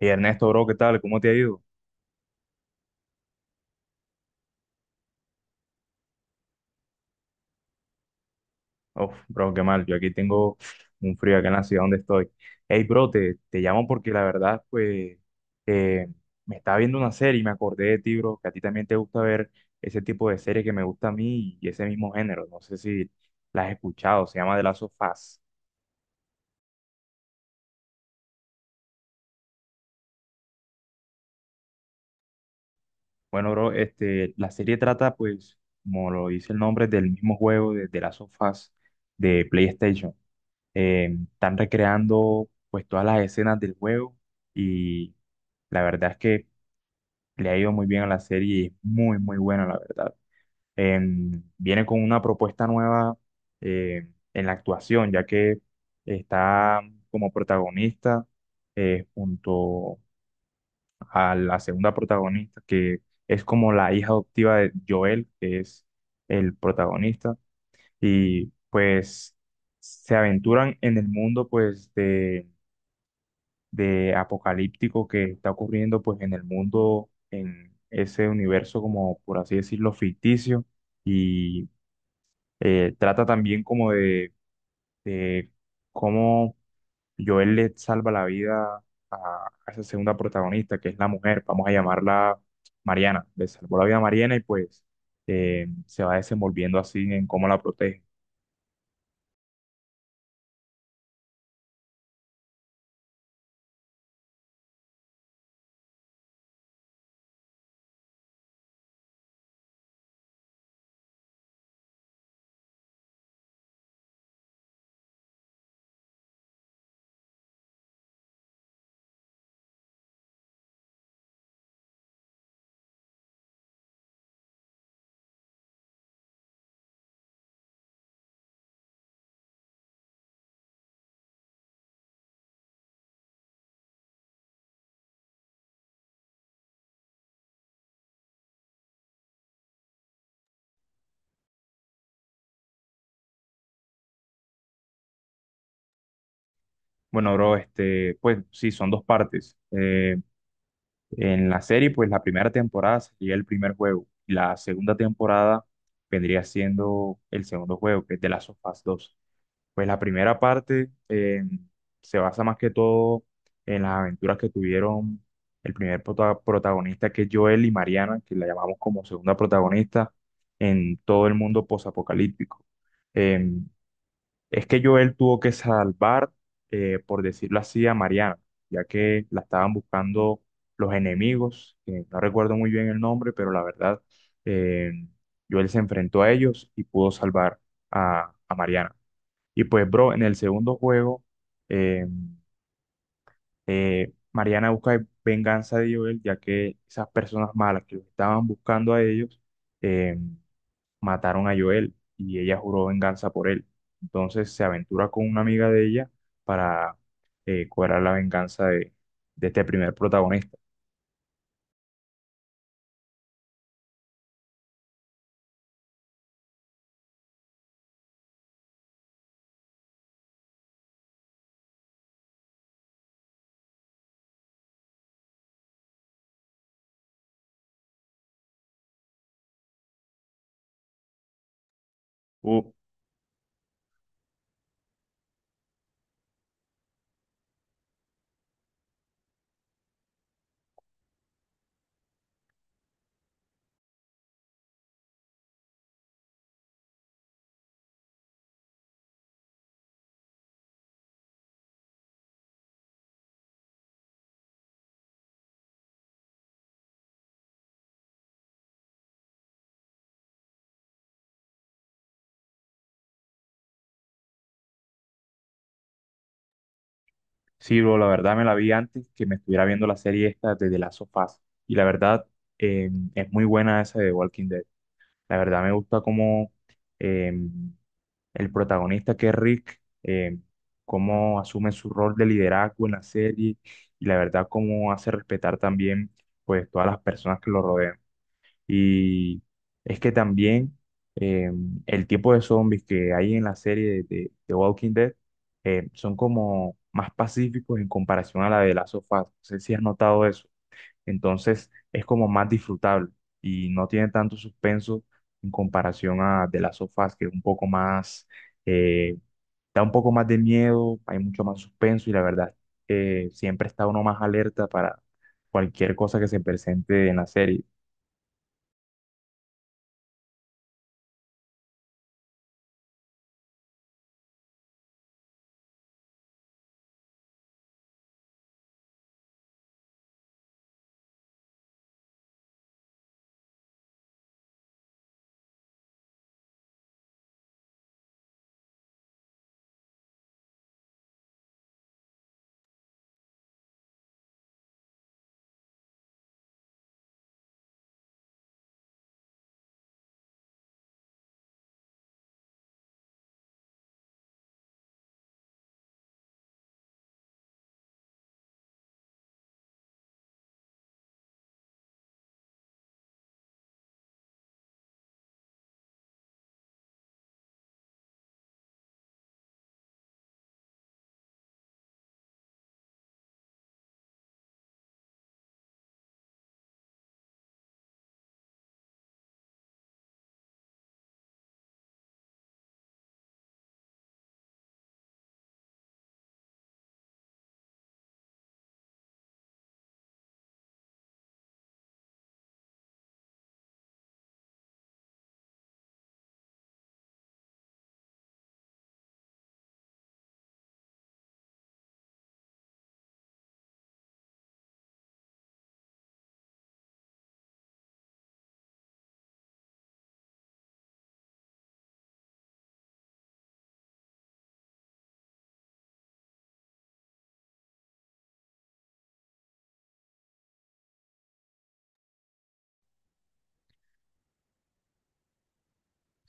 Y Ernesto, bro, ¿qué tal? ¿Cómo te ha ido? Uf, bro, qué mal. Yo aquí tengo un frío acá en la ciudad donde estoy. Hey, bro, te llamo porque la verdad, pues, eh, me estaba viendo una serie y me acordé de ti, bro, que a ti también te gusta ver ese tipo de serie que me gusta a mí y ese mismo género. No sé si la has escuchado, se llama The Last of Us. Bueno, bro, este, la serie trata, pues, como lo dice el nombre, del mismo juego de The Last of Us de PlayStation. Están recreando pues todas las escenas del juego y la verdad es que le ha ido muy bien a la serie y es muy muy buena la verdad. Viene con una propuesta nueva, en la actuación ya que está como protagonista, junto a la segunda protagonista, que es como la hija adoptiva de Joel, que es el protagonista. Y pues se aventuran en el mundo pues de apocalíptico que está ocurriendo pues en el mundo, en ese universo como por así decirlo ficticio. Y trata también como de cómo Joel le salva la vida a, a esa segunda protagonista, que es la mujer, vamos a llamarla Mariana. Le salvó la vida a Mariana y pues se va desenvolviendo así en cómo la protege. Bueno, bro, este, pues sí, son dos partes. En la serie, pues la primera temporada sería el primer juego y la segunda temporada vendría siendo el segundo juego, que es The Last of Us 2. Pues la primera parte se basa más que todo en las aventuras que tuvieron el protagonista, que es Joel, y Mariana, que la llamamos como segunda protagonista, en todo el mundo posapocalíptico. Em, es que Joel tuvo que salvar, por decirlo así, a Mariana, ya que la estaban buscando los enemigos, que no recuerdo muy bien el nombre. Pero la verdad, eh, Joel se enfrentó a ellos y pudo salvar a Mariana. Y pues, bro, en el segundo juego, eh, Mariana busca venganza de Joel, ya que esas personas malas que los estaban buscando a ellos, eh, mataron a Joel y ella juró venganza por él. Entonces se aventura con una amiga de ella para cobrar la venganza de este primer protagonista. Uh, sí, bro, la verdad me la vi antes que me estuviera viendo la serie esta de The Last of Us. Y la verdad eh, es muy buena esa de Walking Dead. La verdad me gusta cómo em, el protagonista, que es Rick, cómo asume su rol de liderazgo en la serie y la verdad cómo hace respetar también pues todas las personas que lo rodean. Y es que también, eh, el tipo de zombies que hay en la serie de Walking Dead, son como más pacíficos en comparación a la de Last of Us. No sé si has notado eso. Entonces es como más disfrutable y no tiene tanto suspenso en comparación a de las sofás, que es un poco más, eh, da un poco más de miedo, hay mucho más suspenso. Y la verdad, siempre está uno más alerta para cualquier cosa que se presente en la serie.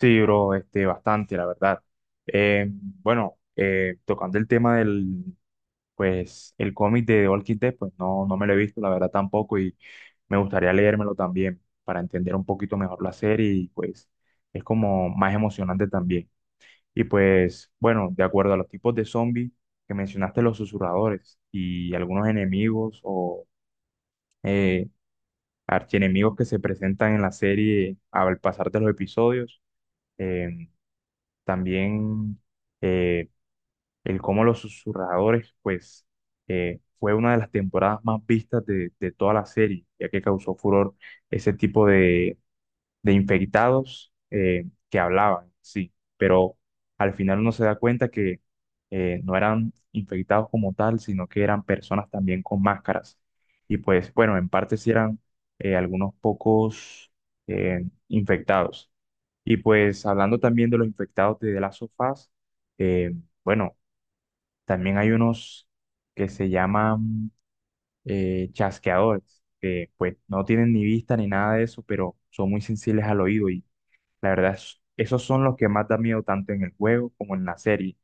Sí, bro, este, bastante, la verdad. Bueno, tocando el tema del, pues el cómic de All Walking Dead, pues no, no me lo he visto, la verdad tampoco, y me gustaría leérmelo también para entender un poquito mejor la serie, y pues es como más emocionante también. Y pues bueno, de acuerdo a los tipos de zombies que mencionaste, los susurradores y algunos enemigos o eh, archienemigos que se presentan en la serie al pasar de los episodios, eh, también, eh, el cómo los susurradores, pues, fue una de las temporadas más vistas de toda la serie, ya que causó furor ese tipo de infectados, que hablaban, sí, pero al final uno se da cuenta que no eran infectados como tal, sino que eran personas también con máscaras. Y pues, bueno, en parte sí eran, algunos pocos, infectados. Y pues, hablando también de los infectados de las sofás, bueno, también hay unos que se llaman chasqueadores, que pues no tienen ni vista ni nada de eso, pero son muy sensibles al oído. Y la verdad esos son los que más da miedo, tanto en el juego como en la serie,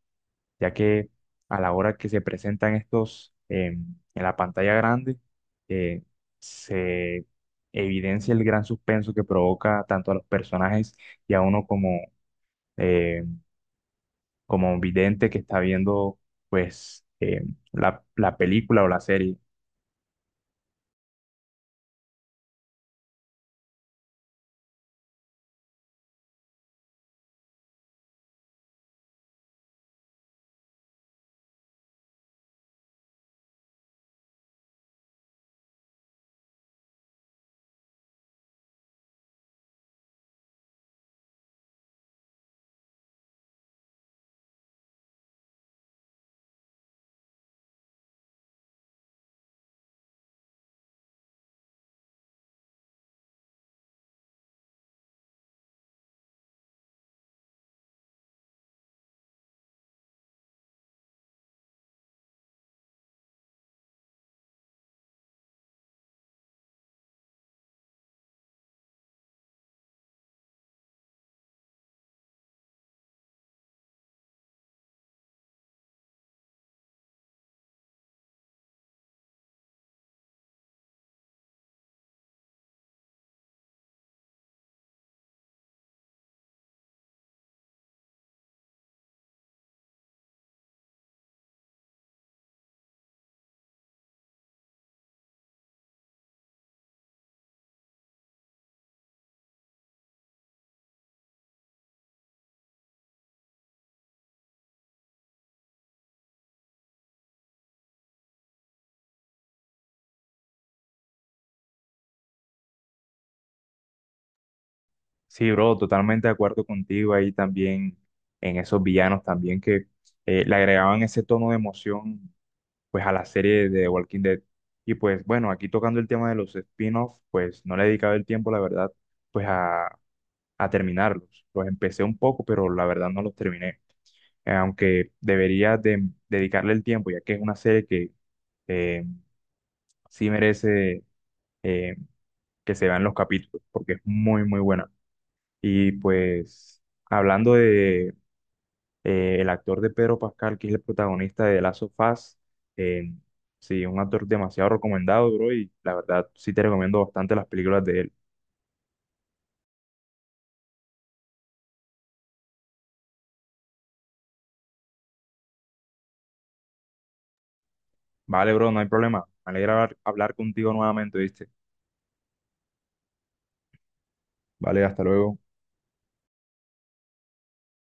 ya que a la hora que se presentan estos en la pantalla grande, eh, se evidencia el gran suspenso que provoca tanto a los personajes y a uno como, eh, como un vidente que está viendo pues la, la película o la serie. Sí, bro, totalmente de acuerdo contigo ahí también, en esos villanos también que le agregaban ese tono de emoción pues a la serie de Walking Dead. Y pues bueno, aquí tocando el tema de los spin-offs, pues no le he dedicado el tiempo, la verdad, pues a terminarlos. Los empecé un poco, pero la verdad no los terminé. Aunque debería de dedicarle el tiempo, ya que es una serie que eh, sí merece, eh, que se vean los capítulos, porque es muy, muy buena. Y pues, hablando de el actor de Pedro Pascal, que es el protagonista de The Last of Us, eh, sí, un actor demasiado recomendado, bro, y la verdad sí te recomiendo bastante las películas de él. Vale, bro, no hay problema. Me alegra hablar contigo nuevamente, ¿viste? Vale, hasta luego.